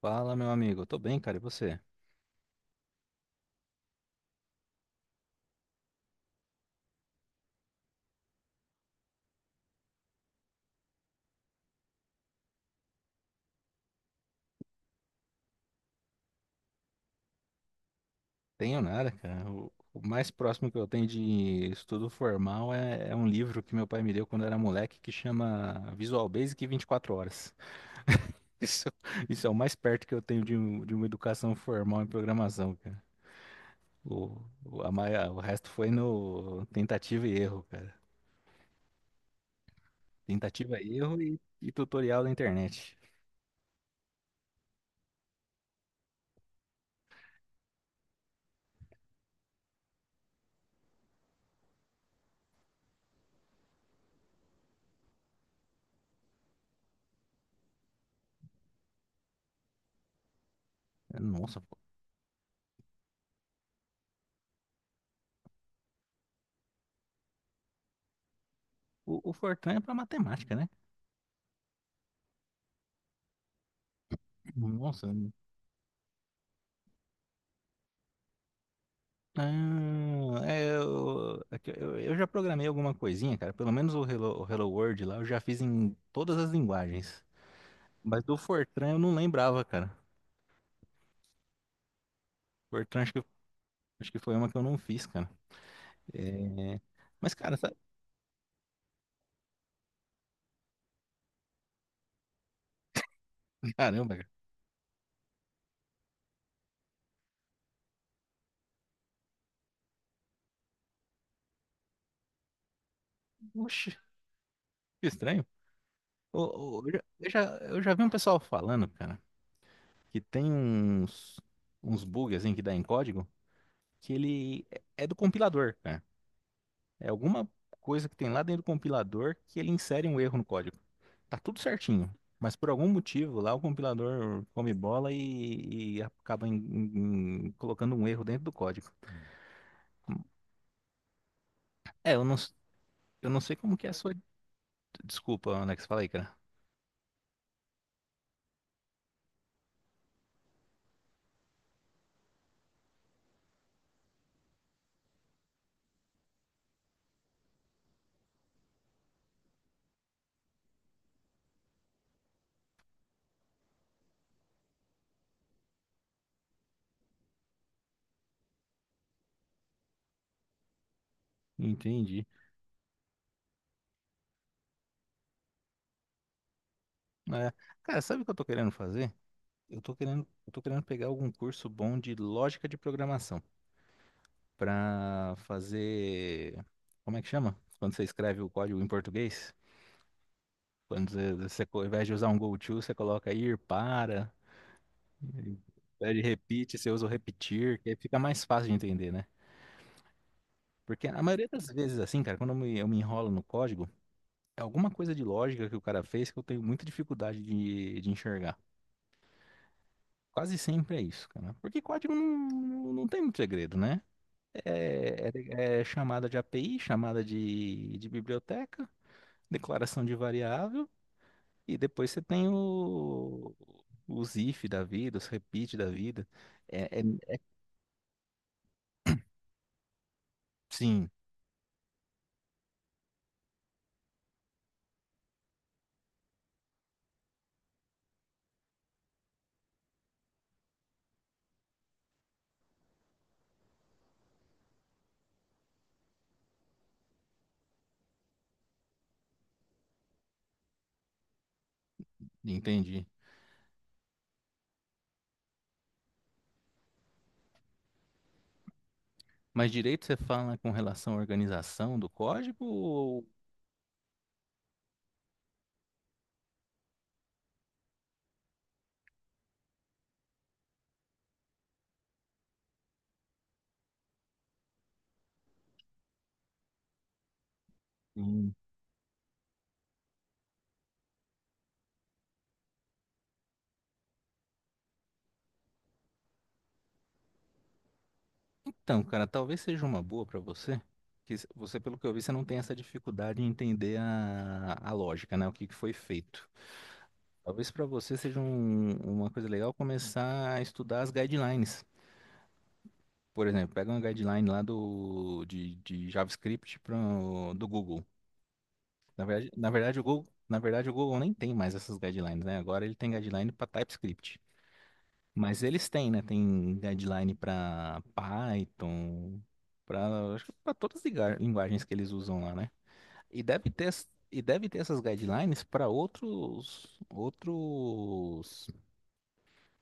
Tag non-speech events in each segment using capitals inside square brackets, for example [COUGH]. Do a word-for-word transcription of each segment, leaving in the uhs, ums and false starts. Fala, meu amigo. Tô bem, cara. E você? Tenho nada, cara. O, o mais próximo que eu tenho de estudo formal é, é um livro que meu pai me deu quando eu era moleque que chama Visual Basic vinte e quatro horas. [LAUGHS] Isso, isso é o mais perto que eu tenho de, um- de uma educação formal em programação, cara. O, o, a maia- o resto foi no tentativa e erro, cara. Tentativa e erro e, e tutorial da internet. Nossa, pô. O, o Fortran é pra matemática, né? Nossa. Ah, é, eu, é que eu, eu já programei alguma coisinha, cara. Pelo menos o Hello, o Hello World lá eu já fiz em todas as linguagens. Mas do Fortran eu não lembrava, cara. Fortran acho que, acho que foi uma que eu não fiz, cara. É. Mas, cara, sabe- [LAUGHS] caramba, cara. Oxi, que estranho. Ô, ô, Eu, já, eu já eu já vi um pessoal falando, cara, que tem uns, uns bugs assim que dá em código, que ele é é do compilador, cara. É alguma coisa que tem lá dentro do compilador que ele insere um erro no código. Tá tudo certinho. Mas por algum motivo lá o compilador come bola e, e acaba em- em- em colocando um erro dentro do código. É, eu não, s- eu não sei como que é a sua desculpa, Alex. Falei, cara. Entendi. É, cara, sabe o que eu tô querendo fazer? Eu tô querendo, eu tô querendo pegar algum curso bom de lógica de programação pra fazer. Como é que chama? Quando você escreve o código em português? Quando você, você, ao invés de usar um go to, você coloca ir para. Ele Pede repeat, você usa o repetir, que aí fica mais fácil de entender, né? Porque a maioria das vezes, assim, cara, quando eu me, eu me enrolo no código, é alguma coisa de lógica que o cara fez que eu tenho muita dificuldade de, de enxergar. Quase sempre é isso, cara. Porque código não, não não tem muito segredo, né? É, é- é chamada de A P I, chamada de, de biblioteca, declaração de variável, e depois você tem o, os if da vida, os repeat da vida. É, é- sim, entendi. Mas direito você fala com relação à organização do código? Ou- Sim. Então, cara, talvez seja uma boa para você. Que se- você, pelo que eu vi, você não tem essa dificuldade em entender a, a lógica, né? O que que foi feito. Talvez para você seja um- uma coisa legal começar a estudar as guidelines. Por exemplo, pega uma guideline lá do, de, de JavaScript pra, o- do Google. Na verdade, na verdade, o Google, na verdade, o Google nem tem mais essas guidelines, né? Agora ele tem guideline para TypeScript. Mas eles têm, né? Tem deadline para Python, para acho que para todas as liga- linguagens que eles usam lá, né? E deve ter as- e deve ter essas guidelines para outros outros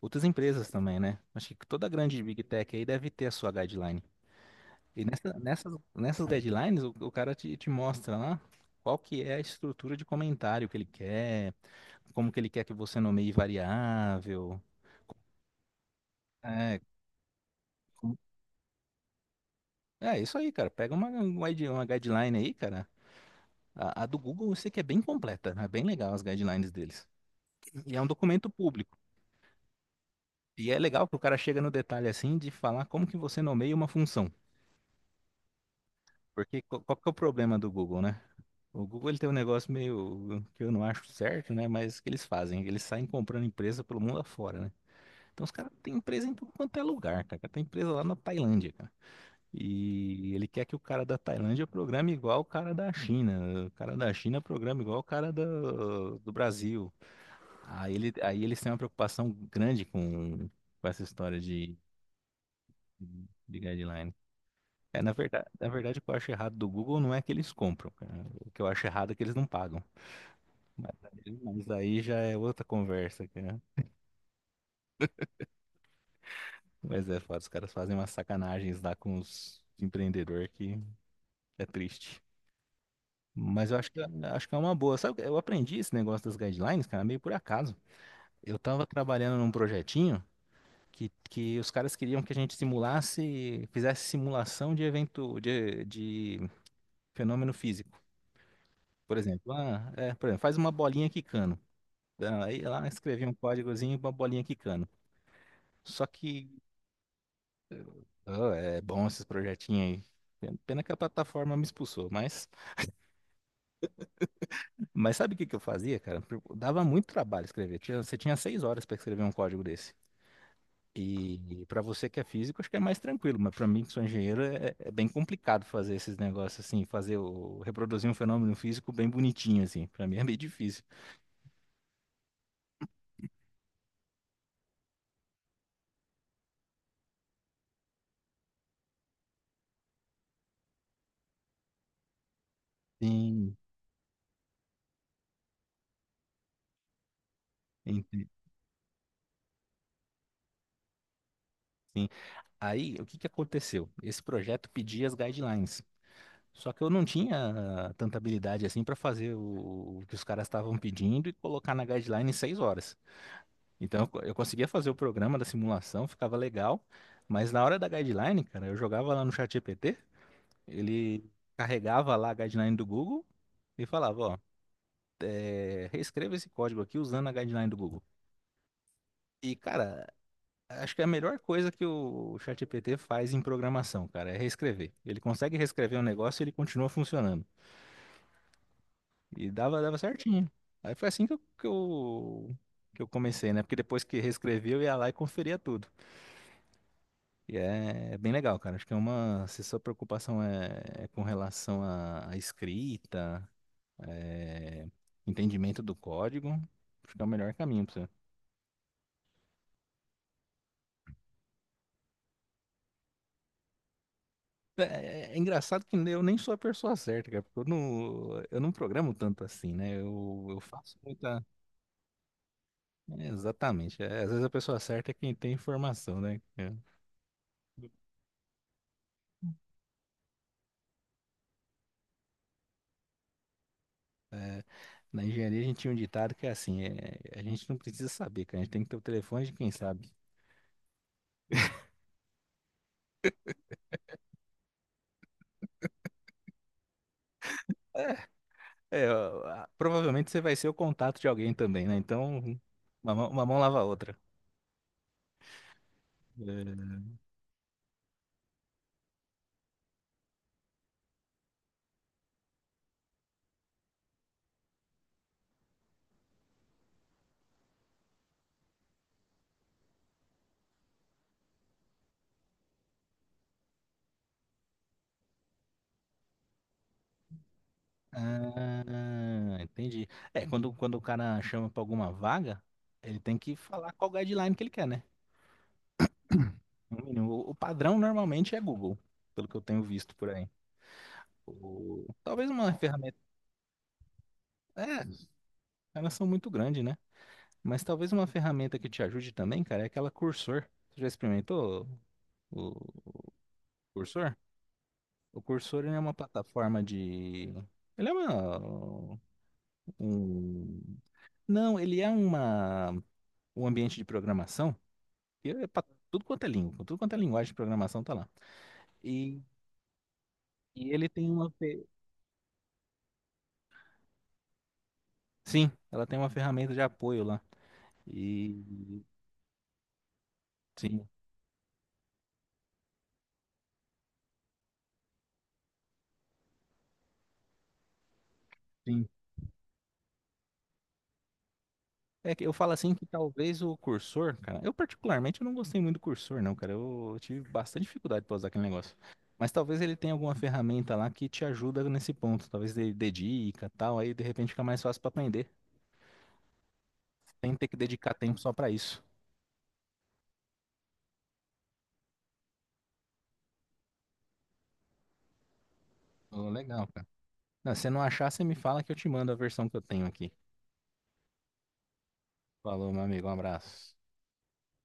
outras empresas também, né? Acho que toda grande Big Tech aí deve ter a sua guideline. E nessa, nessas nessas guidelines o, o cara te, te mostra lá qual que é a estrutura de comentário que ele quer, como que ele quer que você nomeie variável. É. É isso aí, cara. Pega uma, uma guide- uma guideline aí, cara. A, a do Google eu sei que é bem completa, né? É bem legal as guidelines deles. E é um documento público. E é legal que o cara chega no detalhe assim de falar como que você nomeia uma função. Porque qual, qual que é o problema do Google, né? O Google ele tem um negócio meio que eu não acho certo, né? Mas que eles fazem, eles saem comprando empresa pelo mundo afora, né? Então os caras têm empresa em tudo quanto é lugar, cara. Tem empresa lá na Tailândia, cara. E ele quer que o cara da Tailândia programe igual o cara da China, o cara da China programa igual o cara do, do Brasil. Aí, ele, aí eles têm uma preocupação grande com, com essa história de, de guideline. É, na verdade, na verdade, o que eu acho errado do Google não é que eles compram, cara. O que eu acho errado é que eles não pagam. Mas, aí mas aí já é outra conversa, cara. Mas é foda, os caras fazem umas sacanagens lá com os empreendedores que é triste. Mas eu acho que, acho que é uma boa. Sabe, eu aprendi esse negócio das guidelines, cara, meio por acaso. Eu tava trabalhando num projetinho que, que os caras queriam que a gente simulasse, fizesse simulação de evento, de, de fenômeno físico. Por exemplo, ah, é, por exemplo, faz uma bolinha quicando. Ah, Aí lá escrevi um códigozinho uma bolinha quicando. Só que, ah, é bom esses projetinhos aí. Pena que a plataforma me expulsou, mas, mas sabe o que que eu fazia, cara? Dava muito trabalho escrever. Tinha- você tinha seis horas para escrever um código desse. E, para você que é físico, acho que é mais tranquilo, mas para mim que sou engenheiro é, é bem complicado fazer esses negócios assim, fazer o reproduzir um fenômeno físico bem bonitinho assim. Para mim é meio [LAUGHS] difícil. Sim, ente- sim. Aí, o que que aconteceu? Esse projeto pedia as guidelines. Só que eu não tinha tanta habilidade assim para fazer o, o que os caras estavam pedindo e colocar na guideline em seis horas. Então, eu co- eu conseguia fazer o programa da simulação, ficava legal, mas na hora da guideline, cara, eu jogava lá no chat G P T. Ele Carregava lá a guideline do Google e falava, ó, é, reescreva esse código aqui usando a guideline do Google. E, cara, acho que é a melhor coisa que o ChatGPT faz em programação, cara, é reescrever. Ele consegue reescrever um negócio e ele continua funcionando. E dava, dava certinho. Aí foi assim que eu, que eu, que eu comecei, né? Porque depois que reescrevia, eu ia lá e conferia tudo. E é, é bem legal, cara. Acho que é uma. Se sua preocupação é, é com relação à à escrita, é, entendimento do código, acho que é o melhor caminho pra você. É, é- é engraçado que eu nem sou a pessoa certa, cara, porque eu não, eu não programo tanto assim, né? Eu, eu faço muita. É, exatamente. É, às vezes a pessoa certa é quem tem informação, né? É. Na engenharia a gente tinha um ditado que é assim: é, a gente não precisa saber, cara, a gente tem que ter o telefone de quem sabe. É, ó, a- provavelmente você vai ser o contato de alguém também, né? Então, uma mão, uma mão lava a outra. É. Ah, entendi. É, quando, quando o cara chama pra alguma vaga, ele tem que falar qual guideline que ele quer, né? No mínimo. O o padrão normalmente é Google, pelo que eu tenho visto por aí. O- talvez uma ferramenta. É, elas são muito grandes, né? Mas talvez uma ferramenta que te ajude também, cara, é aquela Cursor. Você já experimentou o, o Cursor? O Cursor ele é uma plataforma de. Ele é uma. Um... Não, ele é uma... um ambiente de programação. E é pra tudo quanto é língua, tudo quanto é linguagem de programação tá lá. E, e ele tem uma. Fe- Sim, ela tem uma ferramenta de apoio lá. E. Sim, sim. É que eu falo assim que talvez o cursor, cara. Eu particularmente eu não gostei muito do cursor, não, cara. Eu tive bastante dificuldade pra usar aquele negócio. Mas talvez ele tenha alguma ferramenta lá que te ajuda nesse ponto. Talvez dê, dê dica e tal. Aí de repente fica mais fácil pra aprender. Sem ter que dedicar tempo só pra isso. Ô, legal, cara. Não, se você não achar, você me fala que eu te mando a versão que eu tenho aqui. Falou, meu amigo. Um abraço.